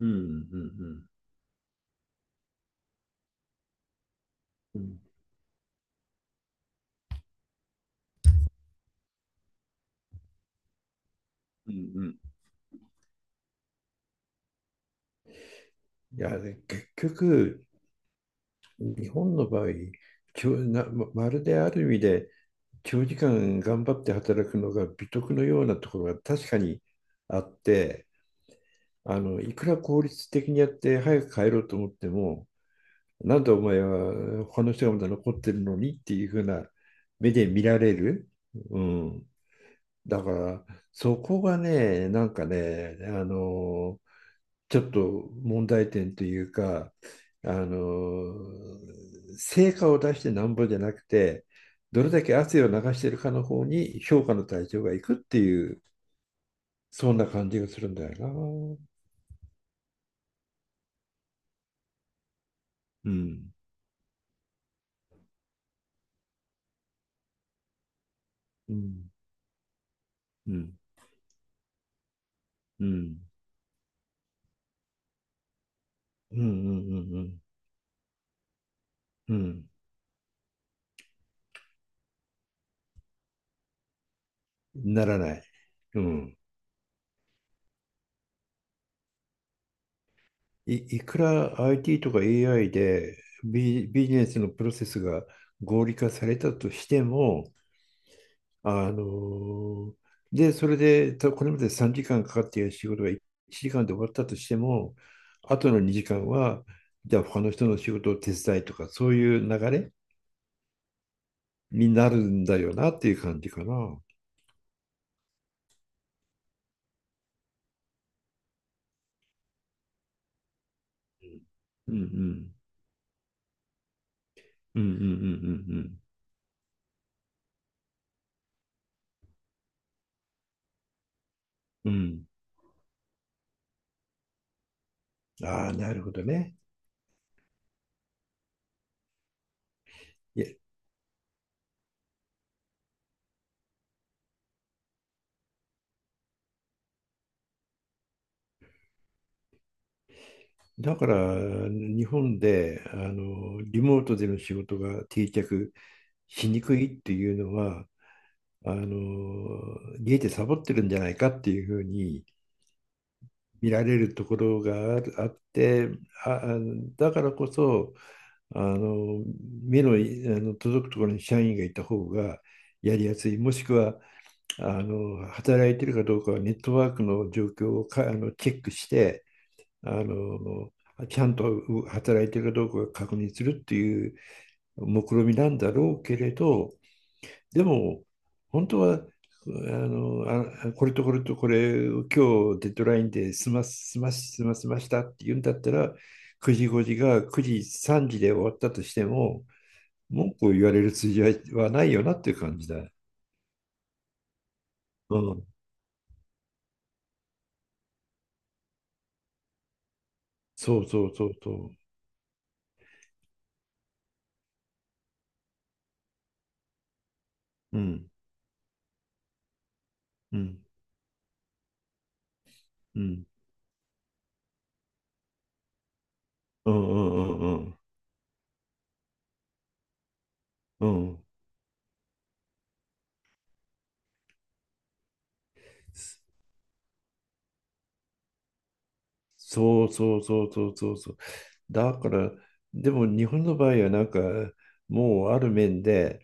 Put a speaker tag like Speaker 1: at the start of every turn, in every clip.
Speaker 1: うん。うん。うん。うん。うん。うん。いや、で結局、日本の場合、きょなま、まるである意味で、長時間頑張って働くのが美徳のようなところが確かにあって、いくら効率的にやって早く帰ろうと思っても、なんでお前は他の人がまだ残ってるのにっていうふうな目で見られる。うん。だから、そこがね、なんかね、ちょっと問題点というか、あの、成果を出してなんぼじゃなくて、どれだけ汗を流しているかの方に評価の対象がいくっていう、そんな感じがするんだよな。うん、うん、うん、うん、うん、うん、うん、うん、うん。ならない。うん。いくら IT とか AI でビジネスのプロセスが合理化されたとしても、あので、それで、これまで3時間かんかかっている仕事が1時間で終わったとしても、あとの2時間は、じゃあ他の人の仕事を手伝いとか、そういう流れになるんだよなっていう感じかな。うん、うん、うん、うん、うん、うん、うん、うん。ああ、なるほどね。いや、だから日本でリモートでの仕事が定着しにくいっていうのはゲイでサボってるんじゃないかっていうふうに見られるところがあって、あ、あだからこそ、あの、目の届くところに社員がいた方がやりやすい、もしくは、働いてるかどうかはネットワークの状況をか、あの、チェックして、あの、ちゃんと働いてるかどうかを確認するっていう目論見みなんだろうけれど、でも、本当は、これとこれとこれを今日デッドラインで済ませましたって言うんだったら、9時5時が9時3時で終わったとしても、文句を言われる筋合いはないよなっていう感じだ。うん。そうそうそうそう。うん。うん。うん。うん、うん、うん、うん、うん。そうそうそうそうそうそう。だから、でも日本の場合はなんか、もうある面で、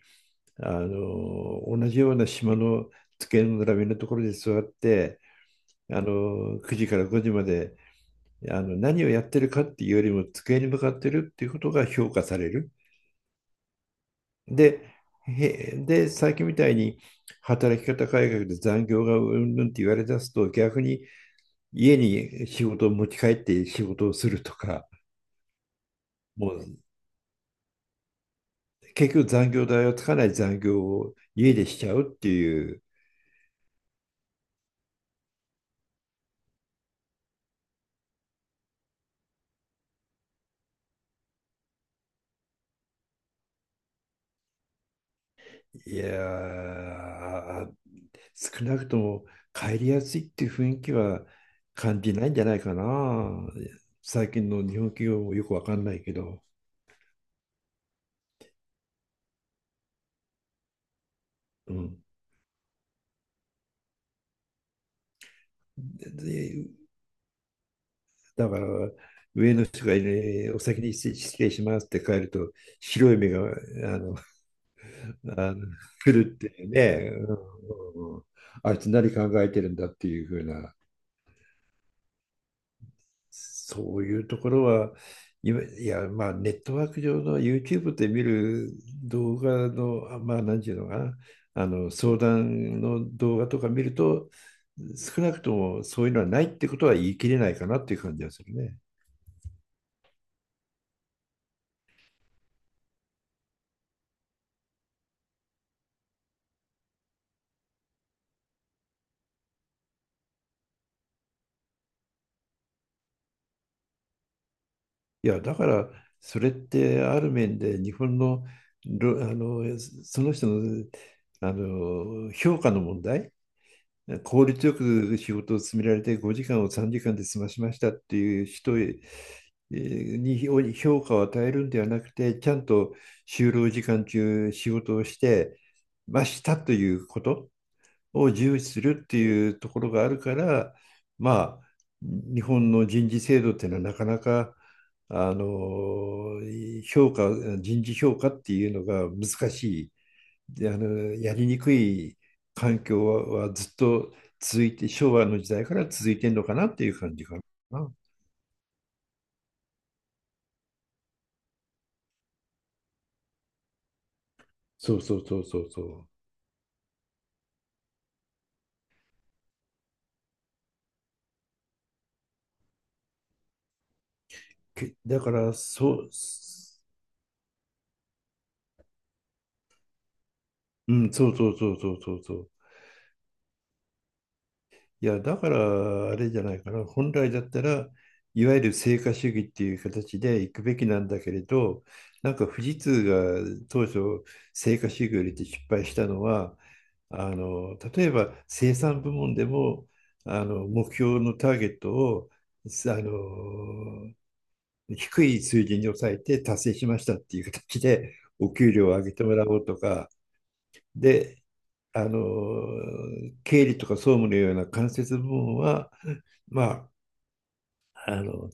Speaker 1: 同じような島の机の並びのところで座って、9時から5時まで、何をやってるかっていうよりも机に向かってるっていうことが評価される。で、最近みたいに働き方改革で残業がうんぬんって言われ出すと、逆に家に仕事を持ち帰って仕事をするとか、もう結局残業代をつかない残業を家でしちゃうっていう。いやー、少なくとも帰りやすいっていう雰囲気は感じないんじゃないかな。最近の日本企業もよくわかんないけど。うん、ででだから、上の人が、ね、お先に失礼しますって帰ると、白い目があのあの来るっていうね、うん、うん、うん。あいつ何考えてるんだっていうふうなそういうところは、今いや、まあ、ネットワーク上の YouTube で見る動画の、まあ、なんていうのかな、相談の動画とか見ると、少なくともそういうのはないってことは言い切れないかなっていう感じがするね。いや、だから、それってある面で日本の、ろあのその人の、評価の問題。効率よく仕事を進められて5時間を3時間で済ましましたっていう人へえーに評価を与えるんではなくて、ちゃんと就労時間中仕事をしてましたということを重視するっていうところがあるから、まあ、日本の人事制度っていうのはなかなか、あの、評価、人事評価っていうのが難しいで、やりにくい環境はずっと続いて、昭和の時代から続いてんのかなっていう感じかな。そうそうそうそうそう。だから、そう、うん、そうそうそうそうそうそう。いや、だから、あれじゃないかな。本来だったら、いわゆる成果主義っていう形で行くべきなんだけれど、なんか富士通が当初、成果主義を入れて失敗したのは、例えば生産部門でも、目標のターゲットを、あの、低い水準に抑えて達成しましたっていう形で、お給料を上げてもらおうとか、で、あの経理とか総務のような間接部門は、まあ、あの、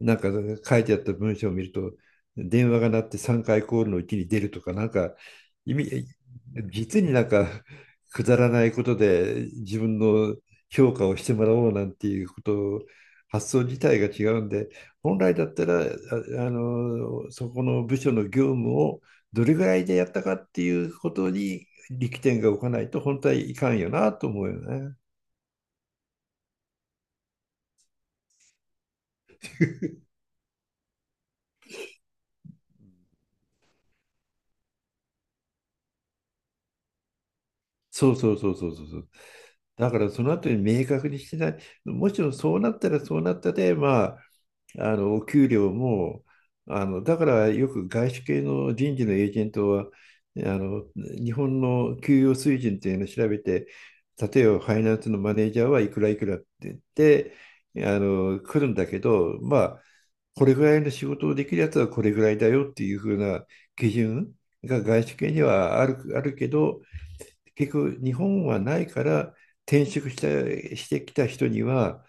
Speaker 1: なんか書いてあった文章を見ると、電話が鳴って3回コールのうちに出るとか、なんか意味、実になんかくだらないことで自分の評価をしてもらおうなんていうことを発想自体が違うんで、本来だったら、そこの部署の業務をどれぐらいでやったかっていうことに力点が置かないと本当はいかんよなと思うよね。そうそうそうそうそうそう。だからその後に明確にしてない。もちろんそうなったらそうなったで、まあ、お給料も、だからよく外資系の人事のエージェントは、日本の給与水準っていうのを調べて、例えばファイナンスのマネージャーはいくらいくらって言って、来るんだけど、まあ、これぐらいの仕事をできるやつはこれぐらいだよっていうふうな基準が外資系にはあるけど、結局日本はないから転職してきた人には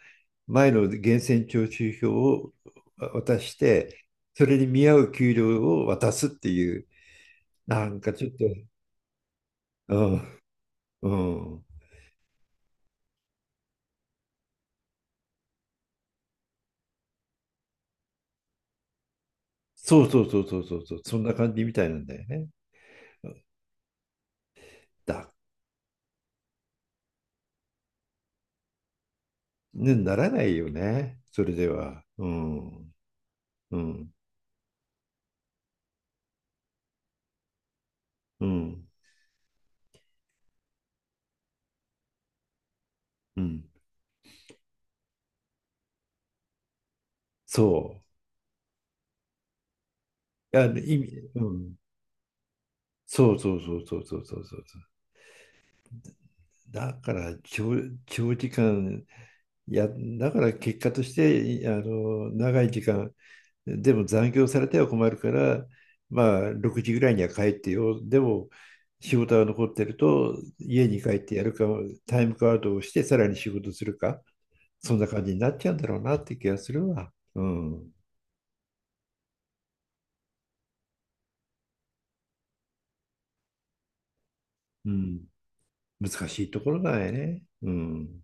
Speaker 1: 前の源泉徴収票を渡してそれに見合う給料を渡すっていうなんかちょっと、うん、うん。そうそうそうそうそうそう。そんな感じみたいなんだよね。だね、ならないよねそれでは。うん、うん、うん、うん。そう。いや、うん、そうそうそうそうそうそうそう。だから長時間、いや、だから結果として、長い時間、でも残業されては困るから、まあ、6時ぐらいには帰ってよ。でも、仕事が残ってると、家に帰ってやるか、タイムカードをして、さらに仕事するか、そんな感じになっちゃうんだろうなって気がするわ。うん。うん。難しいところだよね。うん。